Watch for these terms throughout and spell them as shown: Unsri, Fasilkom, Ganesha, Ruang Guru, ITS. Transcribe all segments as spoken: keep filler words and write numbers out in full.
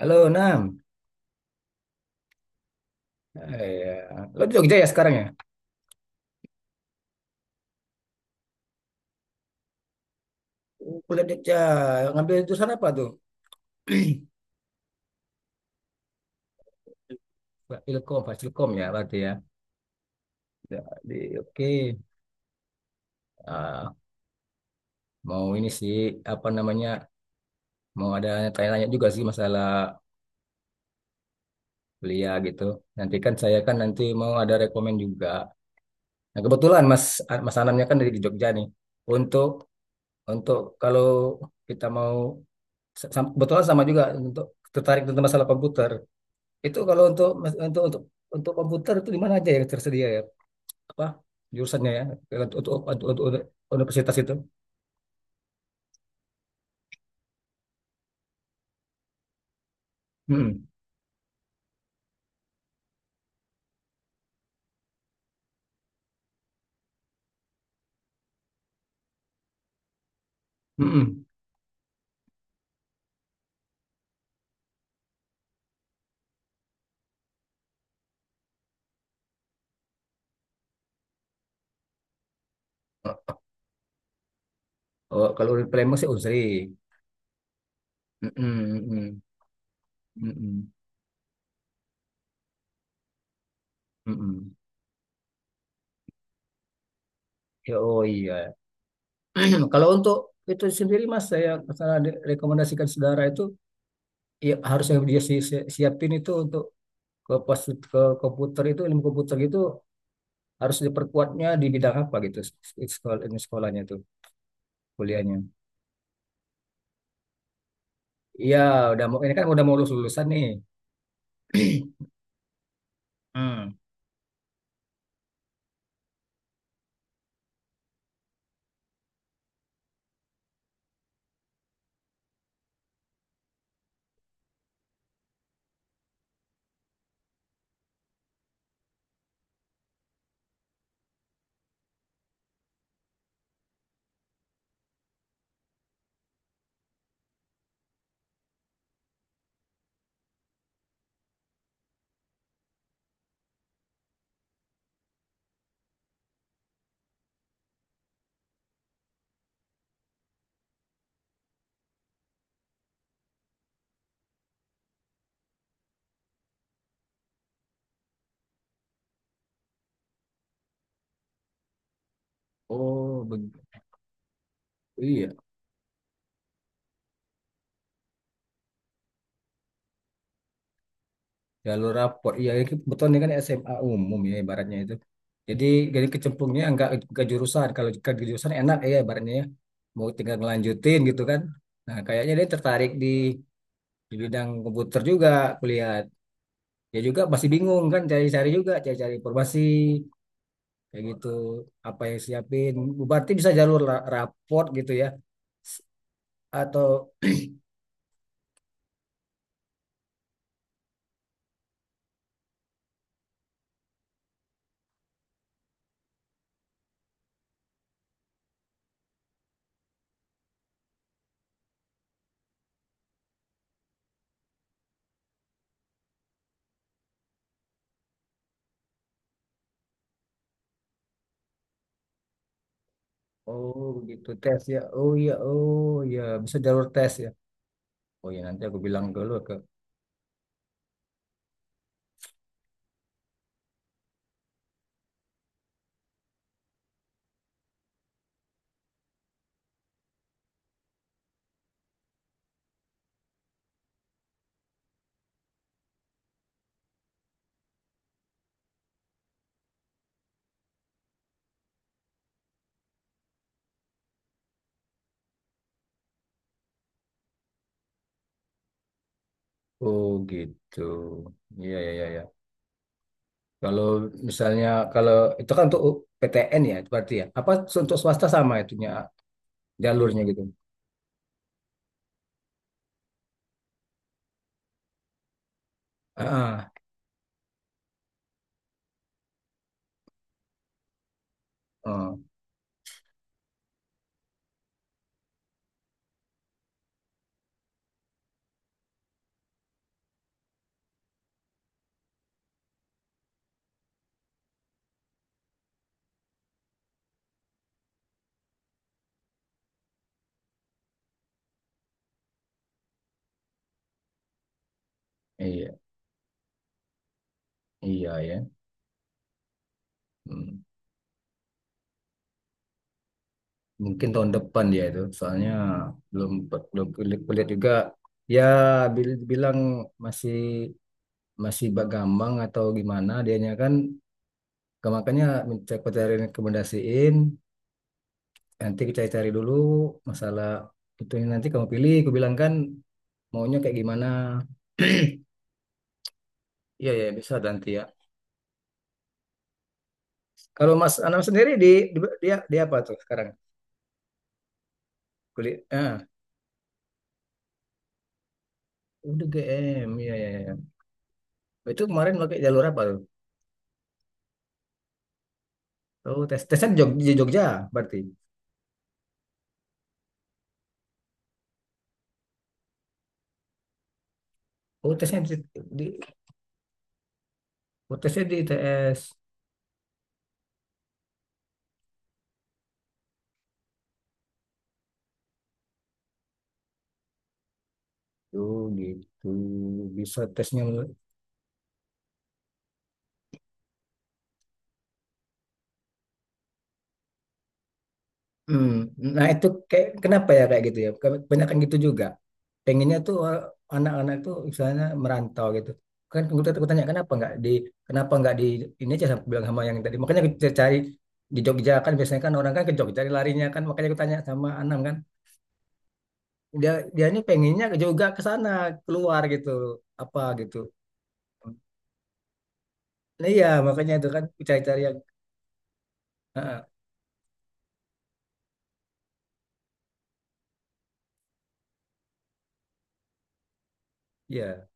Halo, Nam. Eh, ya. Lo di Jogja ya sekarang ya? Oh, kuliah di Jogja. Ngambil jurusan apa tuh? Fasilkom, Fasilkom ya berarti ya. Ya, Di, oke. Ah, mau ini sih, apa namanya, mau ada tanya-tanya juga sih masalah kuliah gitu. Nanti kan saya kan nanti mau ada rekomen juga. Nah, kebetulan Mas ah, Mas Anamnya kan dari di Jogja nih. Untuk untuk kalau kita mau sa- sam- kebetulan sama juga untuk tertarik tentang masalah komputer. Itu kalau untuk untuk untuk untuk komputer itu di mana aja yang tersedia ya? Apa jurusannya ya? Untuk untuk, untuk, untuk universitas itu. Hmm. Hmm. Oh, kalau di Palembang sih Unsri. Hmm. Hmm. Hmm. Hmm. Ya, oh iya. Kalau untuk itu sendiri Mas, saya saya de- rekomendasikan saudara itu ya harus yang dia si- si- siapin itu untuk ke pas ke komputer itu ilmu komputer itu harus diperkuatnya di bidang apa gitu sekolah, sekolahnya itu kuliahnya. Iya, udah mau ini kan udah mau lulus lulusan nih. Hmm. Oh, beg- iya. Jalur rapor. Iya, ini kebetulan ini kan S M A umum ya ibaratnya itu. Jadi jadi kecemplungnya nggak ke jurusan. Kalau ke jurusan enak ya ibaratnya ya. Mau tinggal ngelanjutin gitu kan. Nah, kayaknya dia tertarik di di bidang komputer juga kulihat. Dia juga masih bingung kan cari-cari juga, cari-cari informasi kayak gitu. Apa yang siapin? Berarti bisa jalur la- rapor gitu ya. S- Atau. Oh, begitu tes ya. Oh iya, oh iya, bisa jalur tes ya. Oh ya nanti aku bilang dulu ke. Oh gitu. Iya, iya, iya, iya. Kalau misalnya kalau itu kan untuk P T N ya berarti ya. Apa untuk swasta sama itunya jalurnya gitu. Ah, oh, iya, iya, ya. Hmm. Mungkin tahun depan dia itu. Soalnya belum belum kulihat juga. Ya bil- bilang masih masih Mbak Gambang atau gimana dianya kan. Ke- Makanya minta aku cari rekomendasiin, nanti kita cari dulu masalah itu ini nanti kamu pilih, aku bilang kan maunya kayak gimana. Iya ya bisa nanti ya. Kalau Mas Anam sendiri di, di dia dia apa tuh sekarang? Kulit ah udah G M iya ya ya. Itu kemarin pakai jalur apa tuh? Oh, tes tesnya di Jog- di Jogja, berarti. Oh, tesnya di, di oh, tesnya di I T S. Oh gitu bisa tesnya. Hmm, nah itu kayak kenapa ya kayak gitu ya? Kebanyakan gitu juga. Pengennya tuh eh, anak-anak tuh misalnya merantau gitu. Kan gue tanya tanya, kenapa nggak di kenapa nggak di ini aja sama bilang sama yang tadi. Makanya kita cari di Jogja kan biasanya kan orang kan ke Jogja larinya kan makanya gue tanya sama Anam kan dia dia ini pengennya juga ke sana keluar gitu apa gitu. Nah, iya makanya itu kan cari-cari yang ah, ah, iya.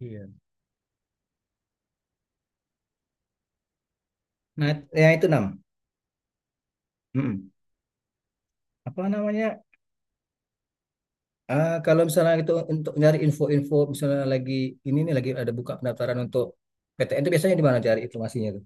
Iya. Nah, yang itu nam. enam. Apa namanya? Ah, kalau misalnya itu untuk nyari info-info misalnya lagi ini nih lagi ada buka pendaftaran untuk P T N itu biasanya di mana cari informasinya tuh?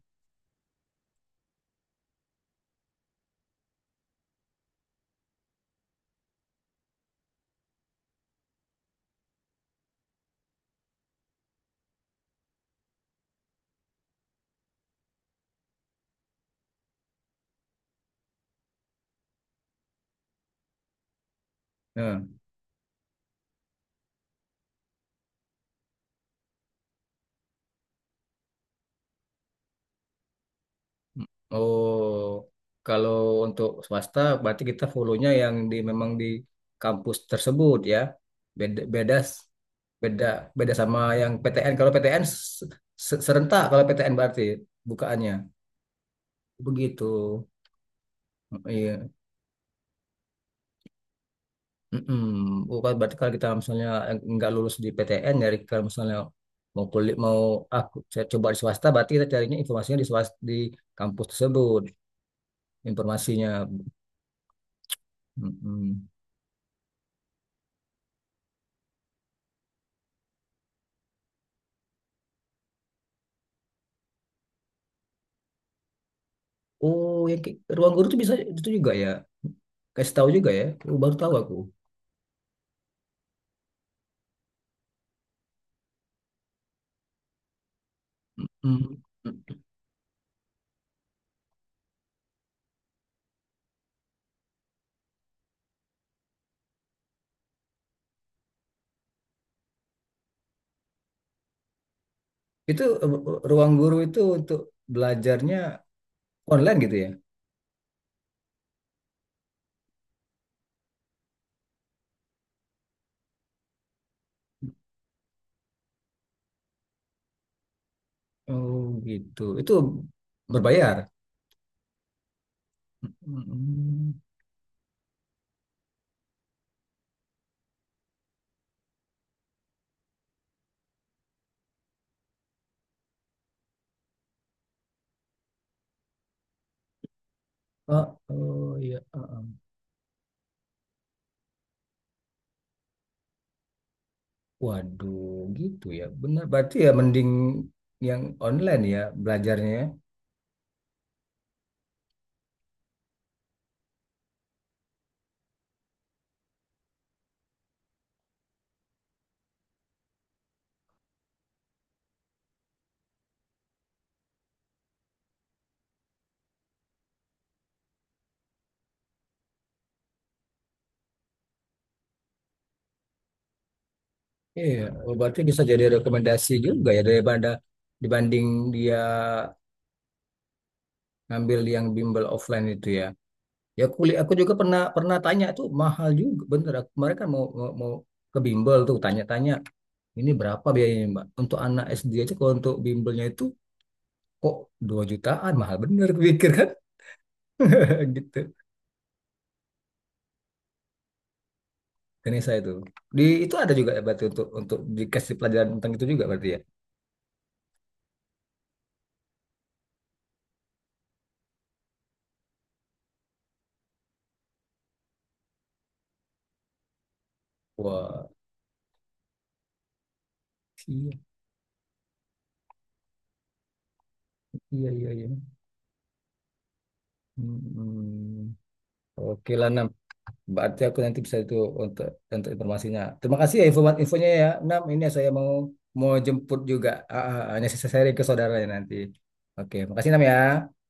Nah. Oh, kalau untuk swasta berarti kita follow-nya yang di memang di kampus tersebut ya. Beda, beda, beda, beda sama yang P T N. Kalau P T N se- serentak kalau P T N berarti bukaannya. Begitu. Iya. Mm-mm. Oh, kan berarti kalau kita misalnya nggak lulus di P T N, dari kalau misalnya mau kulit mau aku coba di swasta, berarti kita carinya informasinya di swasta, di kampus tersebut, informasinya. Mm-mm. Oh, yang kayak ruang guru itu bisa itu juga ya? Kasih tahu juga ya? Oh, baru tahu aku. Mm-mm. Itu eh, ruang guru itu untuk belajarnya online gitu ya? Oh, gitu. Itu berbayar. Mm. Oh, oh iya. Waduh, gitu ya. Benar, berarti ya mending yang online ya belajarnya, ya. Iya, oh, berarti bisa jadi rekomendasi juga ya daripada dibanding dia ngambil yang bimbel offline itu ya. Ya kuliah aku juga pernah pernah tanya tuh mahal juga bener. Aku- Mereka mau mau, mau ke bimbel tuh tanya-tanya ini berapa biayanya Mbak? Untuk anak S D aja kalau untuk bimbelnya itu kok dua jutaan mahal bener aku pikir kan gitu. Ganesha itu. Di itu ada juga ya berarti untuk untuk dikasih pelajaran tentang itu juga berarti ya. Wah, iya, iya, iya, iya. Hmm. Hmm. Oke lah Nam. Berarti aku nanti bisa itu untuk untuk informasinya. Terima kasih ya informat infonya ya Nam. Ini ya saya mau mau jemput juga. Ah, ah, ah. Hanya sisa saya sharing ke saudaranya nanti. Oke, makasih Nam ya.